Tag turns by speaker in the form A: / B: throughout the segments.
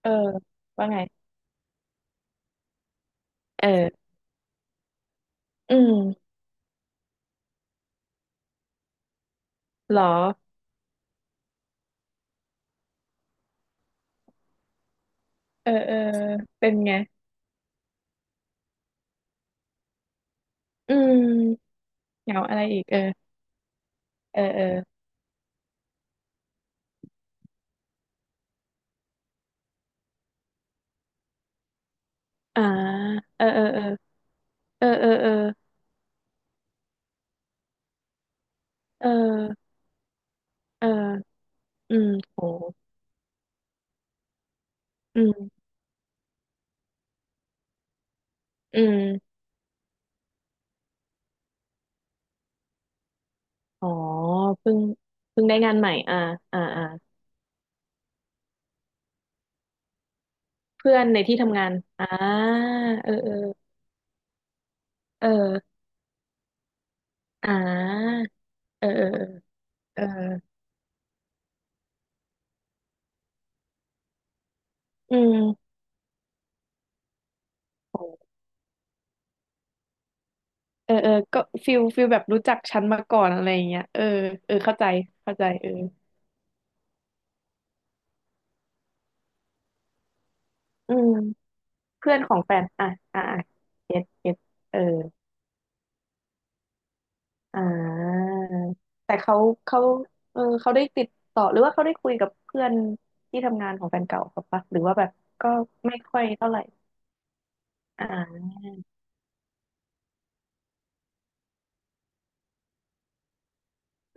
A: เออว่าไงเอออืมหรอเออเออเป็นไงอืมเหงาอะไรอีกเออเออเอออ่าเออเออเออเออเออเออเออเอออืมโหอืมอืมอ๋อเพิ่งเพิ่งได้งานใหม่อ่าอ่าอ่าเพื่อนในที่ทำงาน อ่าเออเออเอออ่าเออเออเอออืมโหเออเออก็ฟิลแบบรู้จักฉันมาก่อนอะไรอย่างเงี้ยเออเออ เข้าใจเข้าใจเออ อืมเพื่อนของแฟนอ่ะอ่ะอ่ะเก็ตเก็ตเอออ่าแต่เขาเออเขาได้ติดต่อหรือว่าเขาได้คุยกับเพื่อนที่ทำงานของแฟนเก่าเขาปะหรือว่าแบบก็ไม่ค่อยเท่าไหร่อ่า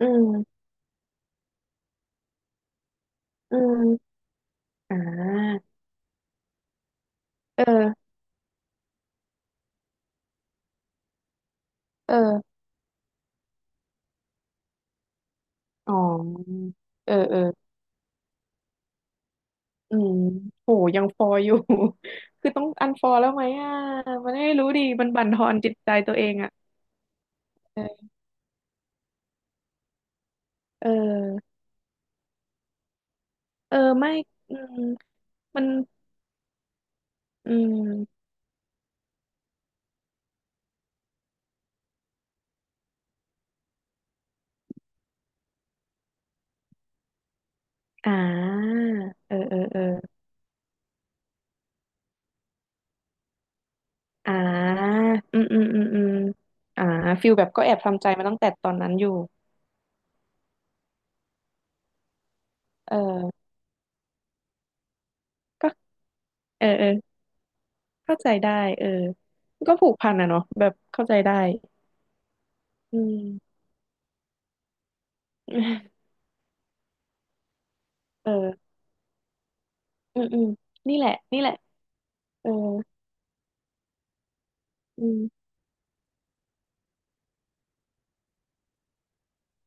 A: อืมอืมอ่าเออเอออ๋อเออเอออืมโหยังฟออยู่ คือต้องอันฟอแล้วไหมอ่ะมันไม่รู้ดีมันบั่นทอนจิตใจตัวเองอ่ะเออเออเออไม่อืมมัน อืมอ่าเออเออเอออ่าอืมอืมอืมอืมอ่าฟิลแบบก็แอบทำใจมาตั้งแต่ตอนนั้นอยู่ เออก็เออเออเข้าใจได้เออก็ผูกพันอะเนาะแบบเข้าใจได้อืมเอออืมอืมนี่แหละนี่แหละเอออืม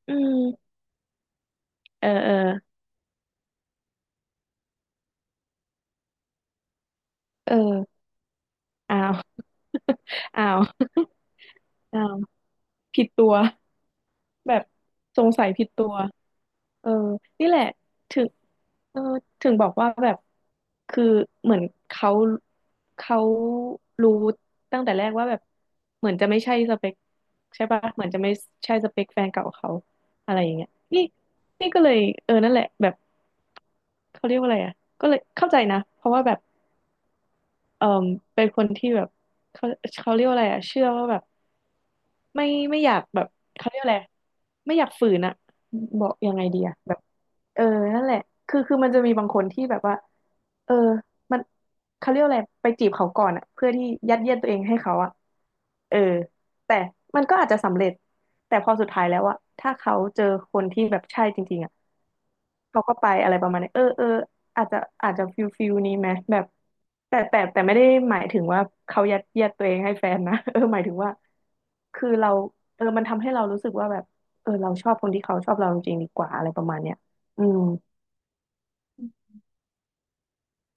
A: อืมเออเออเอออ้าวอ้าว อ้าวผิดตัวแบบสงสัยผิดตัว เออนี่แหละถึงเออถึงบอกว่าแบบคือเหมือนเขาเขารู้ตั้งแต่แรกว่าแบบเหมือนจะไม่ใช่สเปคใช่ปะเหมือนจะไม่ใช่สเปคแฟนเก่าเขาอะไรอย่างเงี้ยนี่นี่ก็เลยเออนั่นแหละแบบเขาเรียกว่าอะไรอ่ะก็เลยเข้าใจนะเพราะว่าแบบ เอ่อเป็นคนที่แบบเขาเขาเรียกว่าอะไรอะเชื่อว่าแบบไม่ไม่อยากแบบเขาเรียกอะไรไม่อยากฝืนอะบอกยังไงดีอะแบบเออนั่นแหละคือมันจะมีบางคนที่แบบว่าเออมันเขาเรียกว่าอะไรไปจีบเขาก่อนอะเพื่อที่ยัดเยียดตัวเองให้เขาอะเออแต่มันก็อาจจะสำเร็จแต่พอสุดท้ายแล้วอะถ้าเขาเจอคนที่แบบใช่จริงๆอะ เขาก็ไปอะไรประมาณนี้เออเอออาจจะอาจจะฟิลนี้ไหมแบบแต่ไม่ได้หมายถึงว่าเขายัดเยียดตัวเองให้แฟนนะ เออหมายถึงว่าคือเราเออมันทำให้เรารู้สึกว่าแบบเออเราชอบคนที่เขาชอบเราจริงๆดีกว่าอะไรประมาณเนี้ยอืม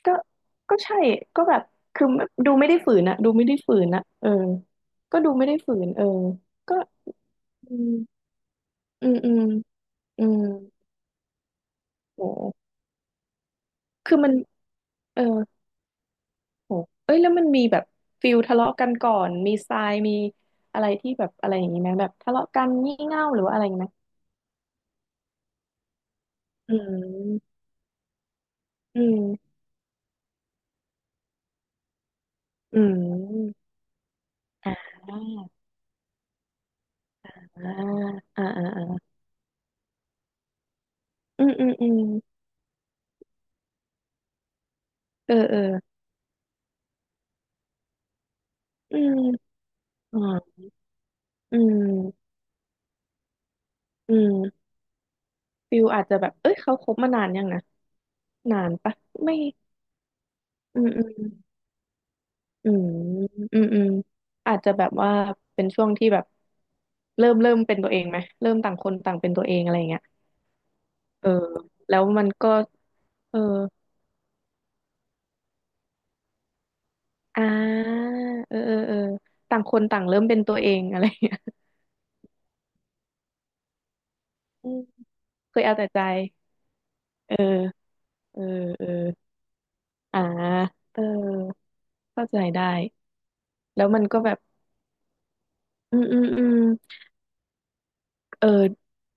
A: ก็ก็ใช่ก็แบบคือดูไม่ได้ฝืนอะดูไม่ได้ฝืนอะเออก็ดูไม่ได้ฝืนเออก็อืมอืมอืมอืมโหคือมันเออ โหเอ้ยแล้วมันมีแบบฟิลทะเลาะกันก่อนมีทรายมีอะไรที่แบบอะไรอย่างนี้ไหมแบบทะเลาะกันงี่เง่าหรือว่าอะไรอย่างนี้ไหมอืมอืมอืมอ่าอ่าอ่าอ่าอ่าอืมอืมอืมเออเอออืมอ่าอืมอืมฟิลอาจจะแบบเอ้ยเขาคบมานานยังนะนานปะไม่อืมอืมอืมอืมอืมอาจจะแบบว่าเป็นช่วงที่แบบเริ่มเป็นตัวเองไหมเริ่มต่างคนต่างเป็นตัวเองอะไรอย่างเงี้ย เออแล้วมันก็เอออ่าเออเออเออต่างคนต่างเริ่มเป็นตัวเอง อะไรอย่างเงี้ยอืมเคยเอาแต่ใจเออเออเอออ่าเออเข้าใจได้แล้วมันก็แบบอืมอืมอืม เออ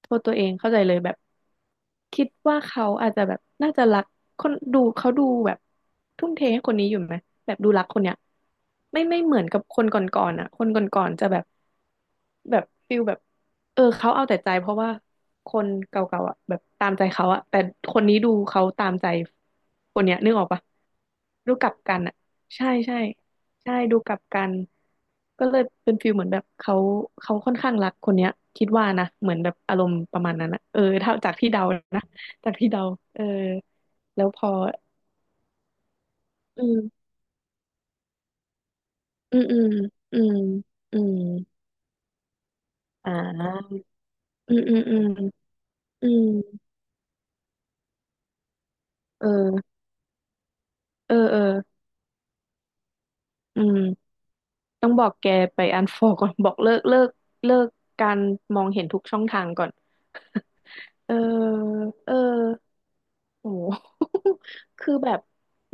A: โทษตัวเองเข้าใจเลยแบบคิดว่าเขาอาจจะแบบน่าจะรักคนดูเขาดูแบบทุ่มเทให้คนนี้อยู่ไหมแบบดูรักคนเนี้ยไม่เหมือนกับคนก่อนๆอ่ะคนก่อนๆจะแบบแบบฟิลแบบเออเขาเอาแต่ใจเพราะว่าคนเก่าๆอ่ะแบบตามใจเขาอ่ะแต่คนนี้ดูเขาตามใจคนเนี้ยนึกออกปะดูกลับกันอ่ะใช่ใช่ ใช่ดูกลับกันก็เลยเป็นฟิลเหมือนแบบเขาค่อนข้างรักคนเนี้ยคิดว่านะเหมือนแบบอารมณ์ประมาณนั้นนะเออถ้าจากที่เดานะจากที่เดาเออแล้วพออืมอืมอืมอืมอืมอ่าอืมอืมอืมอืมเออเออเอออืมต้องบอกแกไปอันฟอก่อน บอกเลิกเลิกเลิกการมองเห็นทุกช่องทางก่อน เออเออ โอ้โห คือแบบ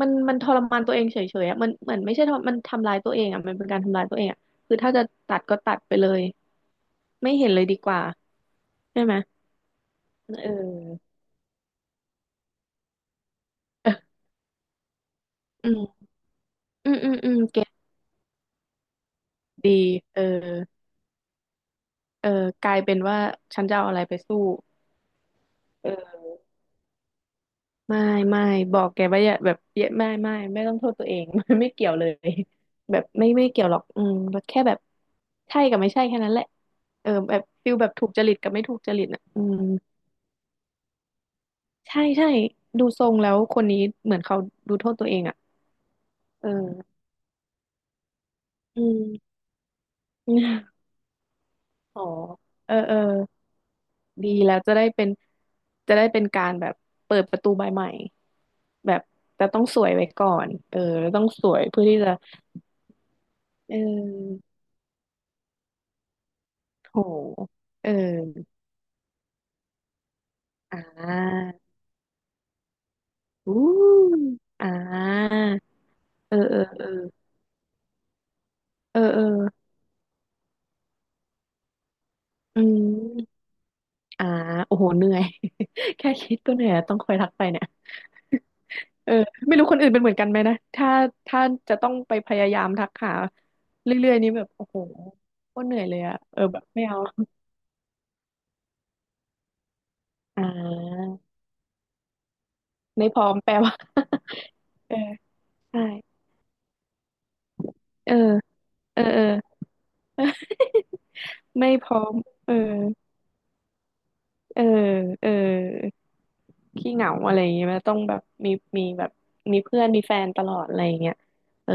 A: มันทรมานตัวเองเฉยๆอ่ะมันเหมือนไม่ใช่ทรมันทำรายตัวเองอ่ะ มันเป็นการทำรายตัวเองอ่ะ คือถ้าจะตัดก็ตัดไปเลย ไม่เห็นเลยดีกว่าใช่ไหมเอออืมอืมอืมอืมเก็ตดีเออเออกลายเป็นว่าฉันจะเอาอะไรไปสู้เออ ไม่ไม่บอกแกว่าอย่าแบบเยอะไม่ต้องโทษตัวเอง มันไม่เกี่ยวเลยแบบไม่เกี่ยวหรอกอืมแค่แบบใช่กับไม่ใช่แค่นั้นแหละเออแบบฟิลแบบถูกจริตกับไม่ถูกจริตอ่ะอืมใช่ใช่ดูทรงแล้วคนนี้เหมือนเขาดูโทษตัวเองอ่ะเอออืม อ๋อเออเออดีแล้วจะได้เป็นการแบบเปิดประตูใบใหม่แบบแต่ต้องสวยไว้ก่อนเออต้องสวยเพื่อที่จะเออโหเออ อ่าอู้อ่าเออเออเออเออเอออืมอ่าโอ้โหเหนื่อย แค่คิดก็เหนื่อยต้องคอยทักไปเนี่ยเออไม่รู้คนอื่นเป็นเหมือนกันไหมนะถ้าจะต้องไปพยายามทักหาเรื่อยๆนี่แบบโอ้โหโคตรเหนื่อยเลยอะเออแบบไม่เอาอ่าไม่พร้อมแปลว่า เออใช่เออเออเออไม่พร้อมเออเออเออ ขี้เหงาอะไรอย่างเงี้ยไหมต้องแบบมีแบบมีเพื่อนมีแฟนตลอดอะไรอย่างเงี้ยเออ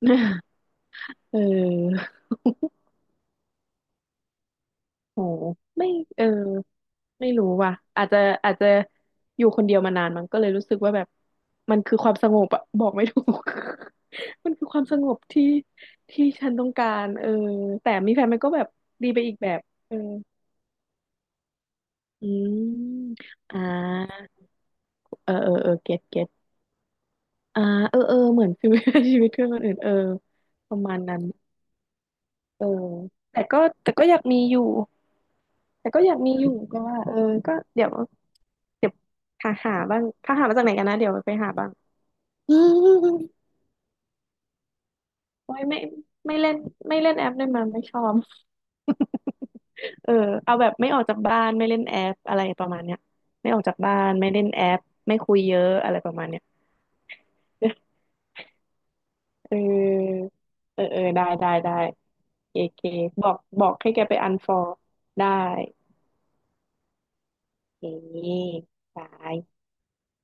A: เออโหไม่เออไม่รู้ว่ะอาจจะอาจจะอยู่คนเดียวมานานมันก็เลยรู้สึกว่าแบบมันคือความสงบอะบอกไม่ถูก มันคือความสงบที่ฉันต้องการเออแต่มีแฟนมันก็แบบดีไปอีกแบบ เอออืมอ่าเออเออเออเก็ตเก็ตอ่าเออเออเหมือน ชีวิตเพื่อนคนอื่นเออประมาณนั้น เออแต่ก็แต่ก็อยากมีอยู่แต่ก็อยากมีอยู่ก็ว่าเออก็เดี๋ยวหาบ้างถ้าหามาจากไหนกันนะเดี๋ยวไปหาบ้าง อืมโอ้ยไม่ไม่เล่นไม่เล่นแอปด้วยมันไม่ชอบ เออเอาแบบไม่ออกจากบ้านไม่เล่นแอปอะไรประมาณเนี้ยไม่ออกจากบ้านไม่เล่นแอปไม่คุยเยอะอะไรประมาณเนี้ย เออเออเออได้เอเคบอกให้แกไปอันฟอร์ได้เกเคบาย